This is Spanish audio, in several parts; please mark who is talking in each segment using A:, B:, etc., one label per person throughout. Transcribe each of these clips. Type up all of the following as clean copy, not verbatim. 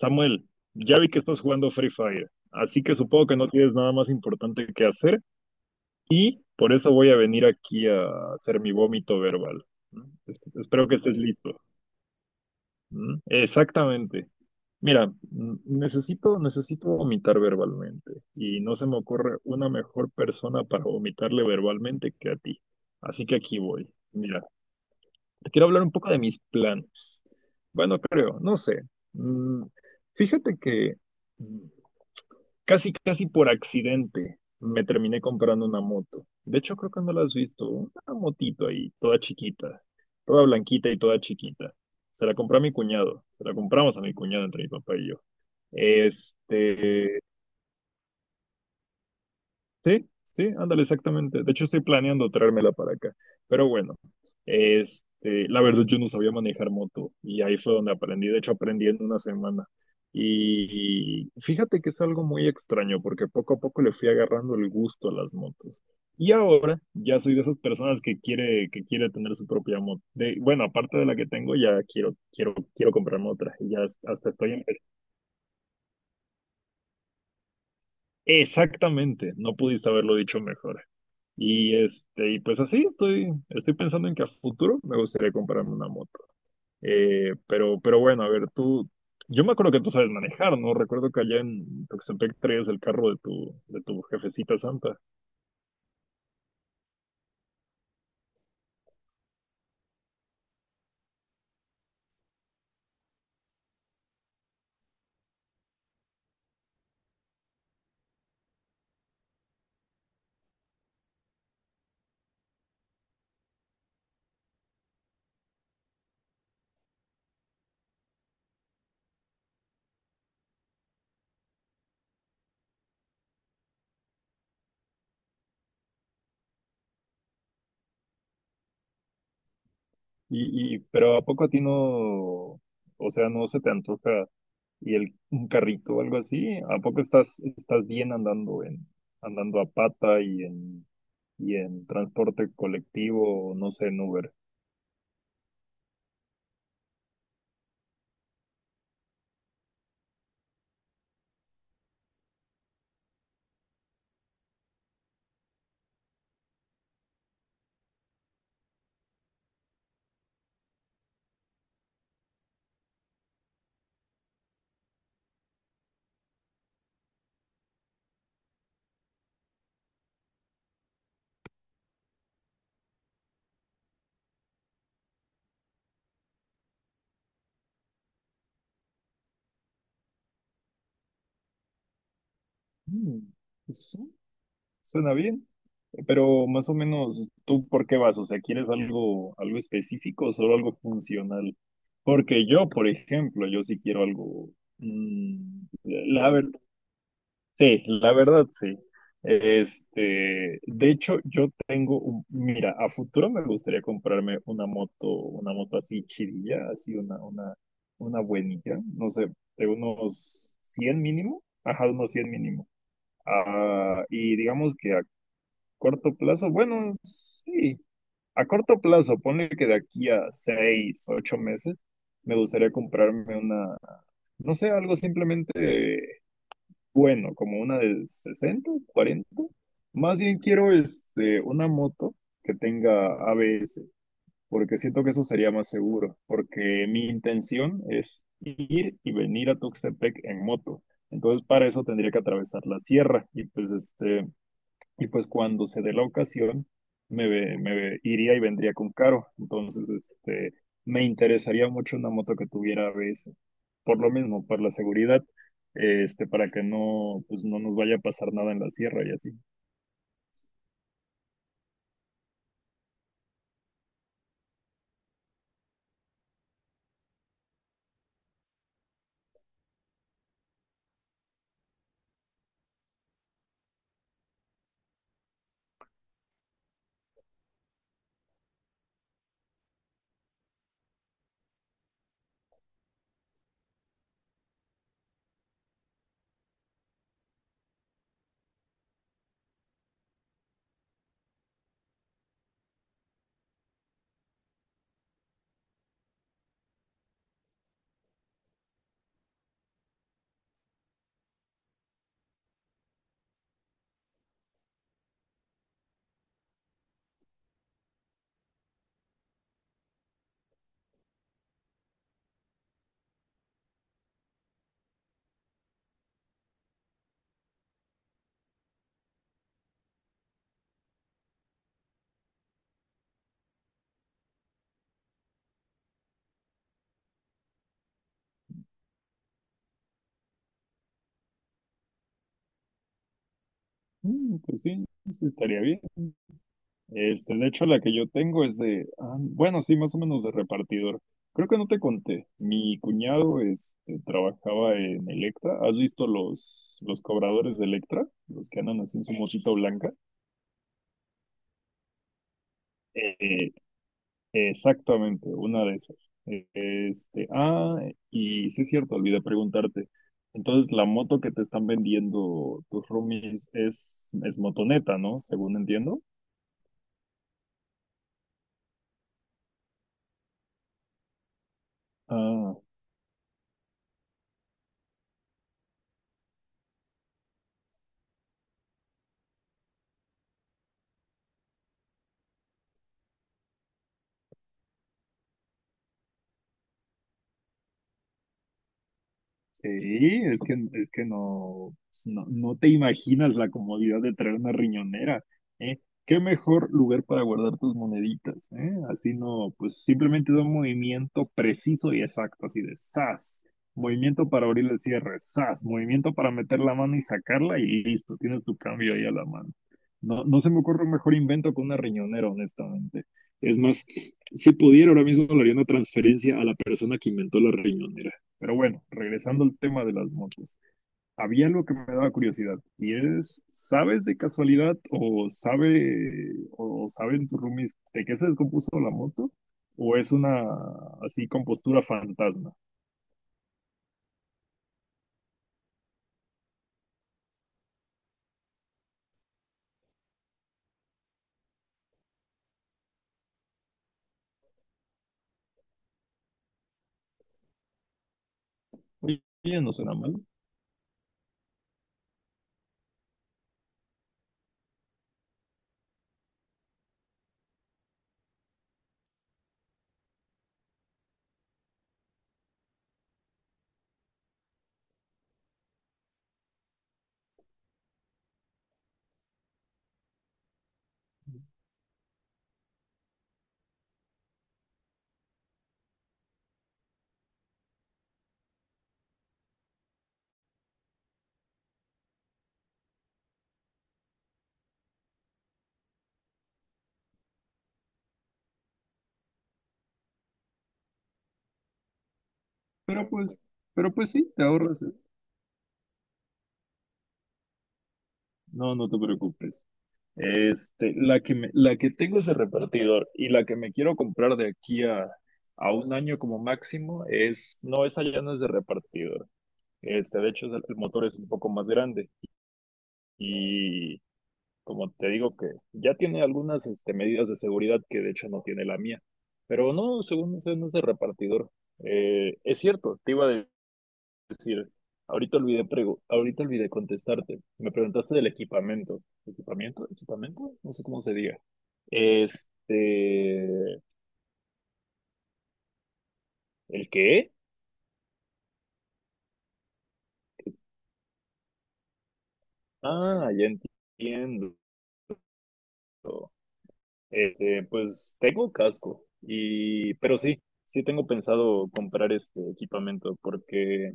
A: Samuel, ya vi que estás jugando Free Fire, así que supongo que no tienes nada más importante que hacer y por eso voy a venir aquí a hacer mi vómito verbal. ¿Mm? Espero que estés listo. ¿Mm? Exactamente. Mira, necesito vomitar verbalmente y no se me ocurre una mejor persona para vomitarle verbalmente que a ti. Así que aquí voy. Mira, te quiero hablar un poco de mis planes. Bueno, creo, no sé. Mm, Fíjate que. mm, Casi, casi por accidente me terminé comprando una moto. De hecho, creo que no la has visto. Una motito ahí, toda chiquita, toda blanquita y toda chiquita. Se la compré a mi cuñado. Se la compramos a mi cuñado entre mi papá y yo. Este, Sí, sí, ándale, exactamente. De hecho, estoy planeando traérmela para acá. Pero bueno, la verdad yo no sabía manejar moto y ahí fue donde aprendí. De hecho, aprendí en una semana. Y fíjate que es algo muy extraño porque poco a poco le fui agarrando el gusto a las motos. Y ahora ya soy de esas personas que quiere tener su propia moto. Bueno, aparte de la que tengo, ya quiero comprarme otra. Y ya hasta estoy empezando. Exactamente, no pudiste haberlo dicho mejor. Y y pues así estoy pensando en que a futuro me gustaría comprarme una moto. Pero bueno, a ver, tú, yo me acuerdo que tú sabes manejar, ¿no? Recuerdo que allá en Tuxtepec traías el carro de tu jefecita santa. Pero ¿a poco a ti no, o sea, no se te antoja un carrito o algo así? ¿A poco estás bien andando a pata y en transporte colectivo, no sé, en Uber? Mm, pues, sí. Suena bien. Pero más o menos, ¿tú por qué vas? O sea, ¿quieres algo específico o solo algo funcional? Porque yo, por ejemplo, yo sí quiero algo. mm, la ver- sí, la verdad, sí. De hecho, yo tengo mira, a futuro me gustaría comprarme una moto así chidilla, así una buenilla, no sé, de unos 100 mínimo, ajá, unos 100 mínimo. Ah, y digamos que corto plazo, bueno, sí. A corto plazo, ponle que de aquí a 6, 8 meses, me gustaría comprarme una, no sé, algo simplemente bueno, como una de 60 40. Más bien quiero una moto que tenga ABS, porque siento que eso sería más seguro, porque mi intención es ir y venir a Tuxtepec en moto. Entonces, para eso tendría que atravesar la sierra y pues y pues cuando se dé la ocasión, iría y vendría con Caro. Entonces, me interesaría mucho una moto que tuviera ABS. Por lo mismo, por la seguridad, para que no, pues no nos vaya a pasar nada en la sierra y así. Mm, pues sí, sí estaría bien. De hecho, la que yo tengo es de, bueno, sí, más o menos de repartidor. Creo que no te conté. Mi cuñado, trabajaba en Electra. ¿Has visto los cobradores de Electra? Los que andan así en su motito blanca. Eh, Exactamente, una de esas. Y sí es cierto, olvidé preguntarte. Entonces, la moto que te están vendiendo tus roomies es motoneta, ¿no? Según entiendo. Ah, Sí, es que no, pues, no, no te imaginas la comodidad de traer una riñonera, ¿eh? Qué mejor lugar para guardar tus moneditas, ¿eh? Así no, pues simplemente da un movimiento preciso y exacto, así de ¡zas! Movimiento para abrir el cierre, ¡zas! Movimiento para meter la mano y sacarla y listo, tienes tu cambio ahí a la mano. No, no se me ocurre un mejor invento que una riñonera, honestamente. Es más, si pudiera, ahora mismo le haría una transferencia a la persona que inventó la riñonera. Pero bueno, regresando al tema de las motos, había algo que me daba curiosidad y es, ¿sabes de casualidad o sabe o saben tus roomies de qué se descompuso la moto? ¿O es una así compostura fantasma? Oye, no suena mal, pero pues sí, te ahorras eso. No, no te preocupes. La que tengo es de repartidor y la que me quiero comprar de aquí a un año como máximo es, no, esa ya no es de repartidor. De hecho, el motor es un poco más grande y como te digo que ya tiene algunas medidas de seguridad que de hecho no tiene la mía, pero no, según sé, no es de repartidor. Es cierto, te iba a decir, ahorita olvidé contestarte. Me preguntaste del equipamiento. ¿Equipamiento? ¿Equipamiento? No sé cómo se diga. Este, ¿El qué? Ya entiendo. Pues tengo casco pero sí, sí tengo pensado comprar este equipamiento porque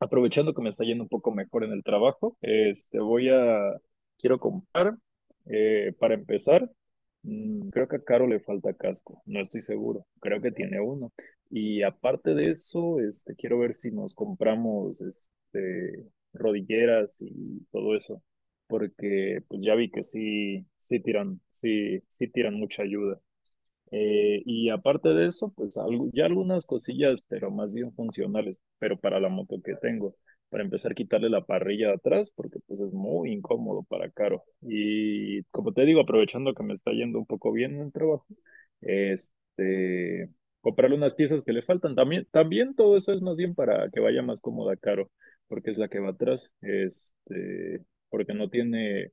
A: aprovechando que me está yendo un poco mejor en el trabajo, quiero comprar, para empezar, creo que a Caro le falta casco, no estoy seguro, creo que tiene uno. Y aparte de eso, quiero ver si nos compramos, rodilleras y todo eso, porque pues ya vi que sí, sí tiran mucha ayuda. Y aparte de eso, pues ya algunas cosillas, pero más bien funcionales, pero para la moto que tengo. Para empezar, quitarle la parrilla de atrás, porque pues es muy incómodo para Caro. Y como te digo, aprovechando que me está yendo un poco bien en el trabajo, este, comprarle unas piezas que le faltan. También, también todo eso es más bien para que vaya más cómoda Caro, porque es la que va atrás. Porque no tiene.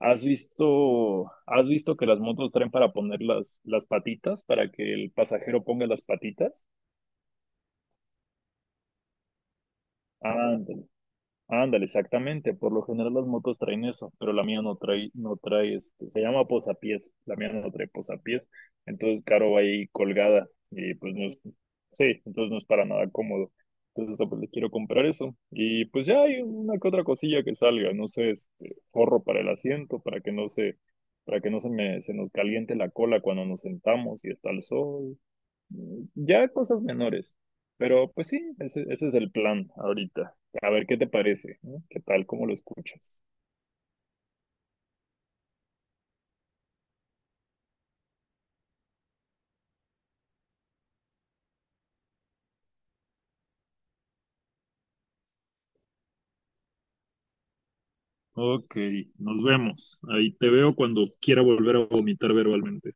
A: Has visto que las motos traen para poner las patitas, para que el pasajero ponga las patitas? Ah, Ándale, exactamente. Por lo general las motos traen eso, pero la mía no trae, se llama posapiés. La mía no trae posapiés. Entonces, Caro va ahí colgada y pues no es, sí, entonces no es para nada cómodo. Entonces, pues le quiero comprar eso. Y pues ya hay una que otra cosilla que salga, no sé, forro para el asiento, para que no se, para que no se me, se nos caliente la cola cuando nos sentamos y está el sol. Ya cosas menores. Pero pues sí, ese es el plan ahorita. A ver qué te parece, ¿no? ¿Qué tal? ¿Cómo lo escuchas? Ok, nos vemos. Ahí te veo cuando quiera volver a vomitar verbalmente.